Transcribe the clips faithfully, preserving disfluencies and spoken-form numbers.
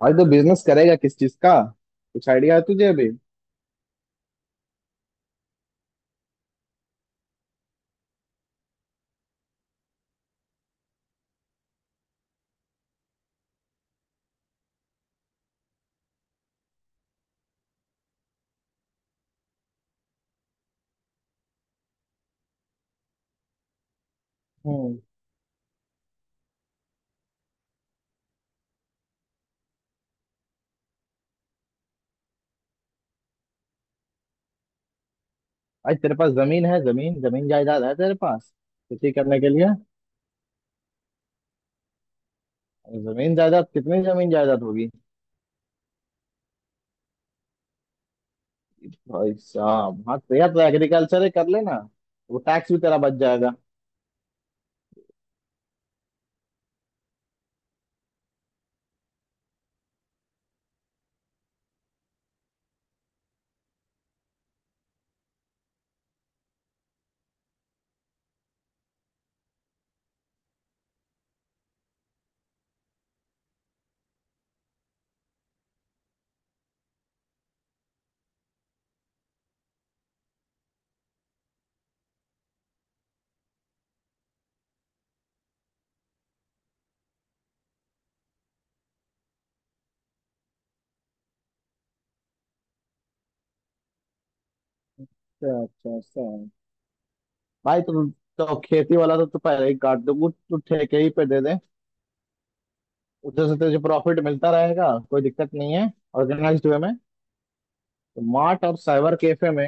भाई तो बिजनेस करेगा किस चीज का। कुछ आइडिया है तुझे अभी। हम्म। भाई तेरे पास जमीन है, जमीन जमीन जायदाद है तेरे पास, खेती करने के लिए। जमीन जायदाद कितनी जमीन जायदाद होगी। भाई साहब, हाँ तेरा तो एग्रीकल्चर ही कर लेना, वो टैक्स भी तेरा बच जाएगा। अच्छा अच्छा अच्छा। भाई तो, तो खेती वाला तो तू पहले ही काट दो, कुछ तू ठेके ही पे दे दे, उधर से तुझे प्रॉफिट मिलता रहेगा, कोई दिक्कत नहीं है, ऑर्गेनाइज्ड वे में। तो मार्ट और साइबर कैफे में,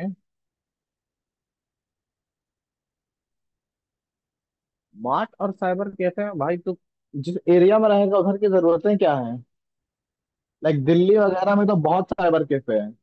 मार्ट और साइबर कैफे में भाई तू जिस एरिया में रहेगा, उधर की जरूरतें क्या हैं। लाइक दिल्ली वगैरह में तो बहुत साइबर कैफे हैं।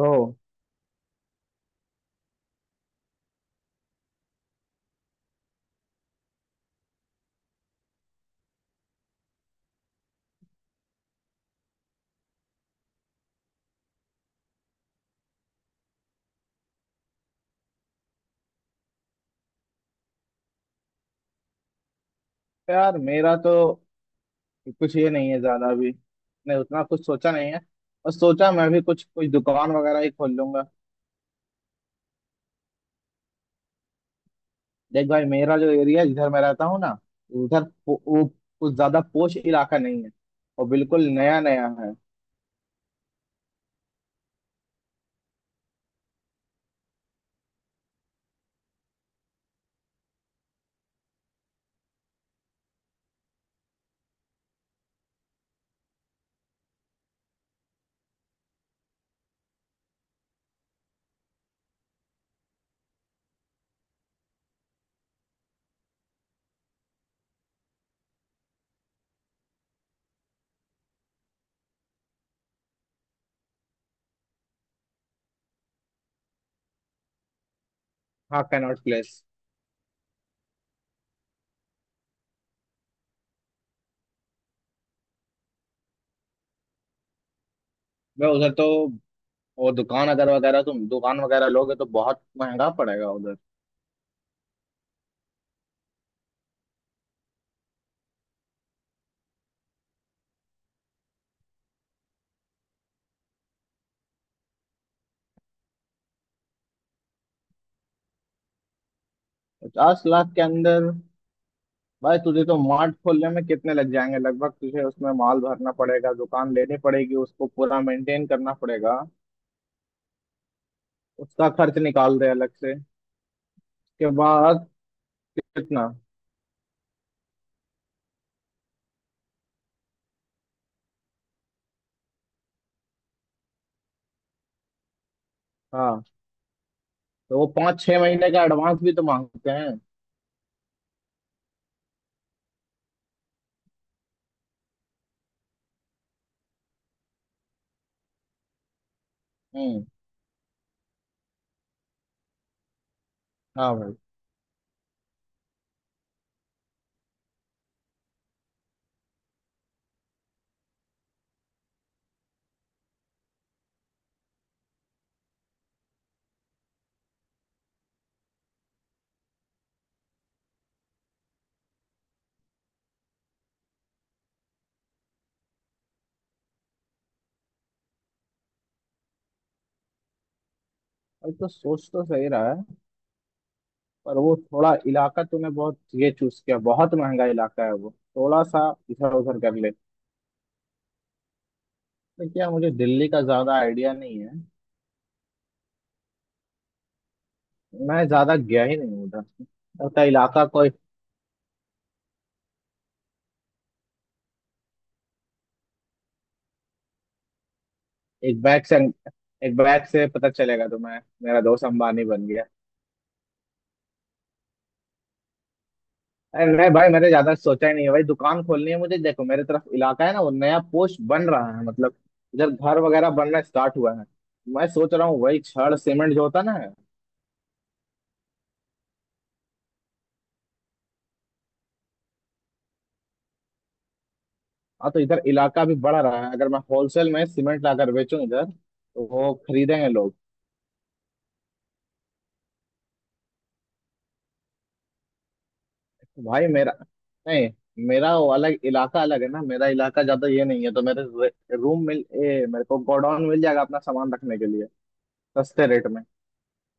ओह। यार मेरा तो कुछ ये नहीं है ज्यादा अभी, मैं उतना कुछ सोचा नहीं है, और सोचा मैं भी कुछ कुछ दुकान वगैरह ही खोल लूंगा। देख भाई, मेरा जो एरिया है जिधर मैं रहता हूँ ना, उधर पो- वो कुछ ज्यादा पोश इलाका नहीं है, और बिल्कुल नया नया है। हाँ, कैनॉट प्लेस। मैं उधर तो वो दुकान अगर वगैरह, तुम दुकान वगैरह लोगे तो बहुत महंगा पड़ेगा उधर। पचास लाख के अंदर। भाई तुझे तो मार्ट खोलने में कितने लग जाएंगे लगभग, तुझे उसमें माल भरना पड़ेगा, दुकान लेनी पड़ेगी, उसको पूरा मेंटेन करना पड़ेगा, उसका खर्च निकाल दे अलग से, उसके बाद कितना। हाँ तो वो पाँच छह महीने का एडवांस भी तो मांगते हैं। हम्म। हाँ भाई। भाई तो सोच तो सही रहा है, पर वो थोड़ा इलाका तूने बहुत ये चूज किया, बहुत महंगा इलाका है वो, थोड़ा सा इधर उधर कर ले। तो क्या, मुझे दिल्ली का ज्यादा आइडिया नहीं है, मैं ज्यादा गया ही नहीं उधर, लगता है इलाका को। एक बैग से, एक बैग से पता चलेगा तुम्हें, मेरा दोस्त अंबानी बन गया। अरे नहीं भाई, मैंने ज्यादा सोचा ही नहीं है भाई, दुकान खोलनी है मुझे, देखो मेरे तरफ इलाका है ना, वो नया पोस्ट बन रहा है, मतलब इधर घर वगैरह बनना स्टार्ट हुआ है। मैं सोच रहा हूँ वही छड़ सीमेंट जो होता है ना। हाँ तो इधर इलाका भी बढ़ रहा है, अगर मैं होलसेल में सीमेंट लाकर बेचूं इधर, तो वो खरीदेंगे लोग। तो भाई मेरा, नहीं, मेरा वो अलग इलाका, अलग है ना मेरा इलाका, ज्यादा ये नहीं है, तो मेरे रे- रूम मिल ए, मेरे को गोडाउन मिल जाएगा अपना सामान रखने के लिए सस्ते रेट में।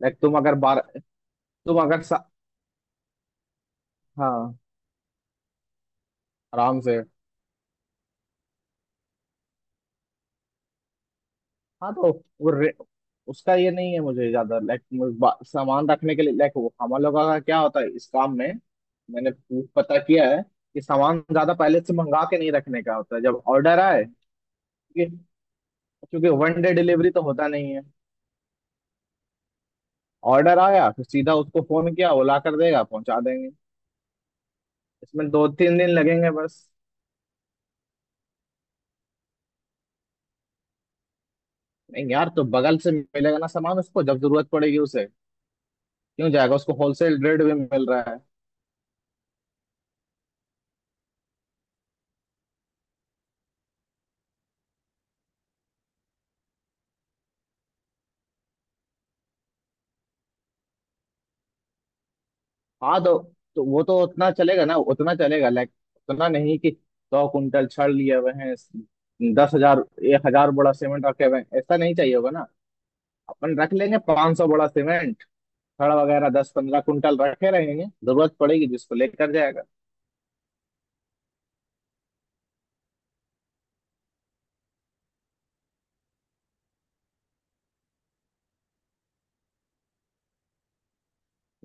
लाइक तुम अगर बारह तुम अगर सा, हाँ, आराम से। हाँ तो वो रे- उसका ये नहीं है मुझे ज्यादा, लाइक सामान रखने के लिए, लाइक हम लोगों का क्या होता है इस काम में, मैंने पू- पता किया है कि सामान ज्यादा पहले से मंगा के नहीं रखने का होता है, जब ऑर्डर आए। क्योंकि क्योंकि वन डे डिलीवरी तो होता नहीं है। ऑर्डर आया फिर सीधा उसको फोन किया, वो ला कर देगा, पहुंचा देंगे। इसमें दो तीन दिन लगेंगे बस। नहीं यार, तो बगल से मिलेगा ना सामान उसको जब जरूरत पड़ेगी उसे। क्यों जाएगा, उसको होलसेल रेट भी मिल रहा है। हाँ, तो, तो वो तो उतना चलेगा ना, उतना चलेगा लाइक, उतना नहीं कि सौ कुंटल छड़ लिए हुए हैं, दस हजार, एक हजार बोरा सीमेंट रखे हुए हैं, ऐसा नहीं चाहिए होगा ना। अपन रख लेंगे पांच सौ बोरा सीमेंट, छड़ वगैरह दस पंद्रह कुंटल रखे रहेंगे, जरूरत पड़ेगी जिसको लेकर जाएगा।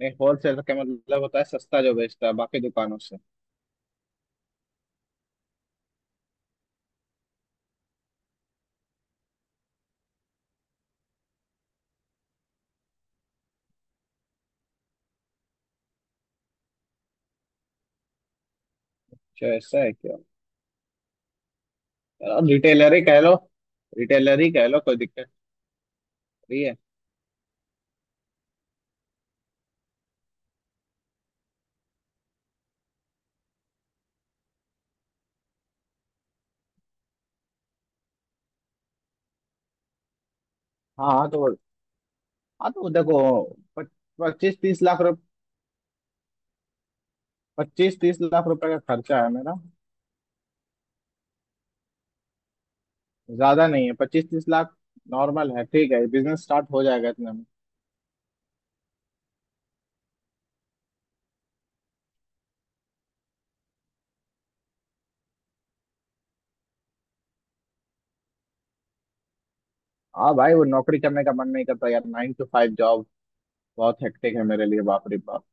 नहीं, होलसेलर का मतलब होता है सस्ता जो बेचता है बाकी दुकानों से। क्या ऐसा है क्या। और रिटेलर ही कह लो, रिटेलर ही कह लो, कोई दिक्कत नहीं है। हाँ तो हाँ तो देखो, पच्चीस तीस लाख, पच्चीस तीस लाख रुपए का खर्चा है मेरा, ज्यादा नहीं है पच्चीस तीस लाख, नॉर्मल है ठीक है, बिजनेस स्टार्ट हो जाएगा इतने में। हाँ भाई, वो नौकरी करने का मन नहीं करता यार, नाइन टू फाइव जॉब बहुत हेक्टिक है मेरे लिए, बाप रे बाप।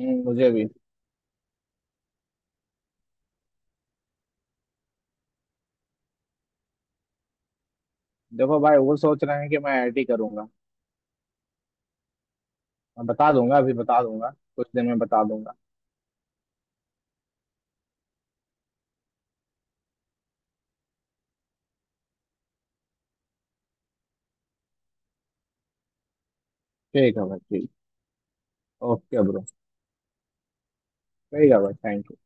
हम्म, मुझे भी। देखो भाई, वो सोच रहे हैं कि मैं आई आई टी करूंगा, मैं बता दूंगा, अभी बता दूंगा, कुछ दिन में बता दूंगा। ठीक है भाई, ठीक। Okay bro. ठीक है भाई, थैंक यू।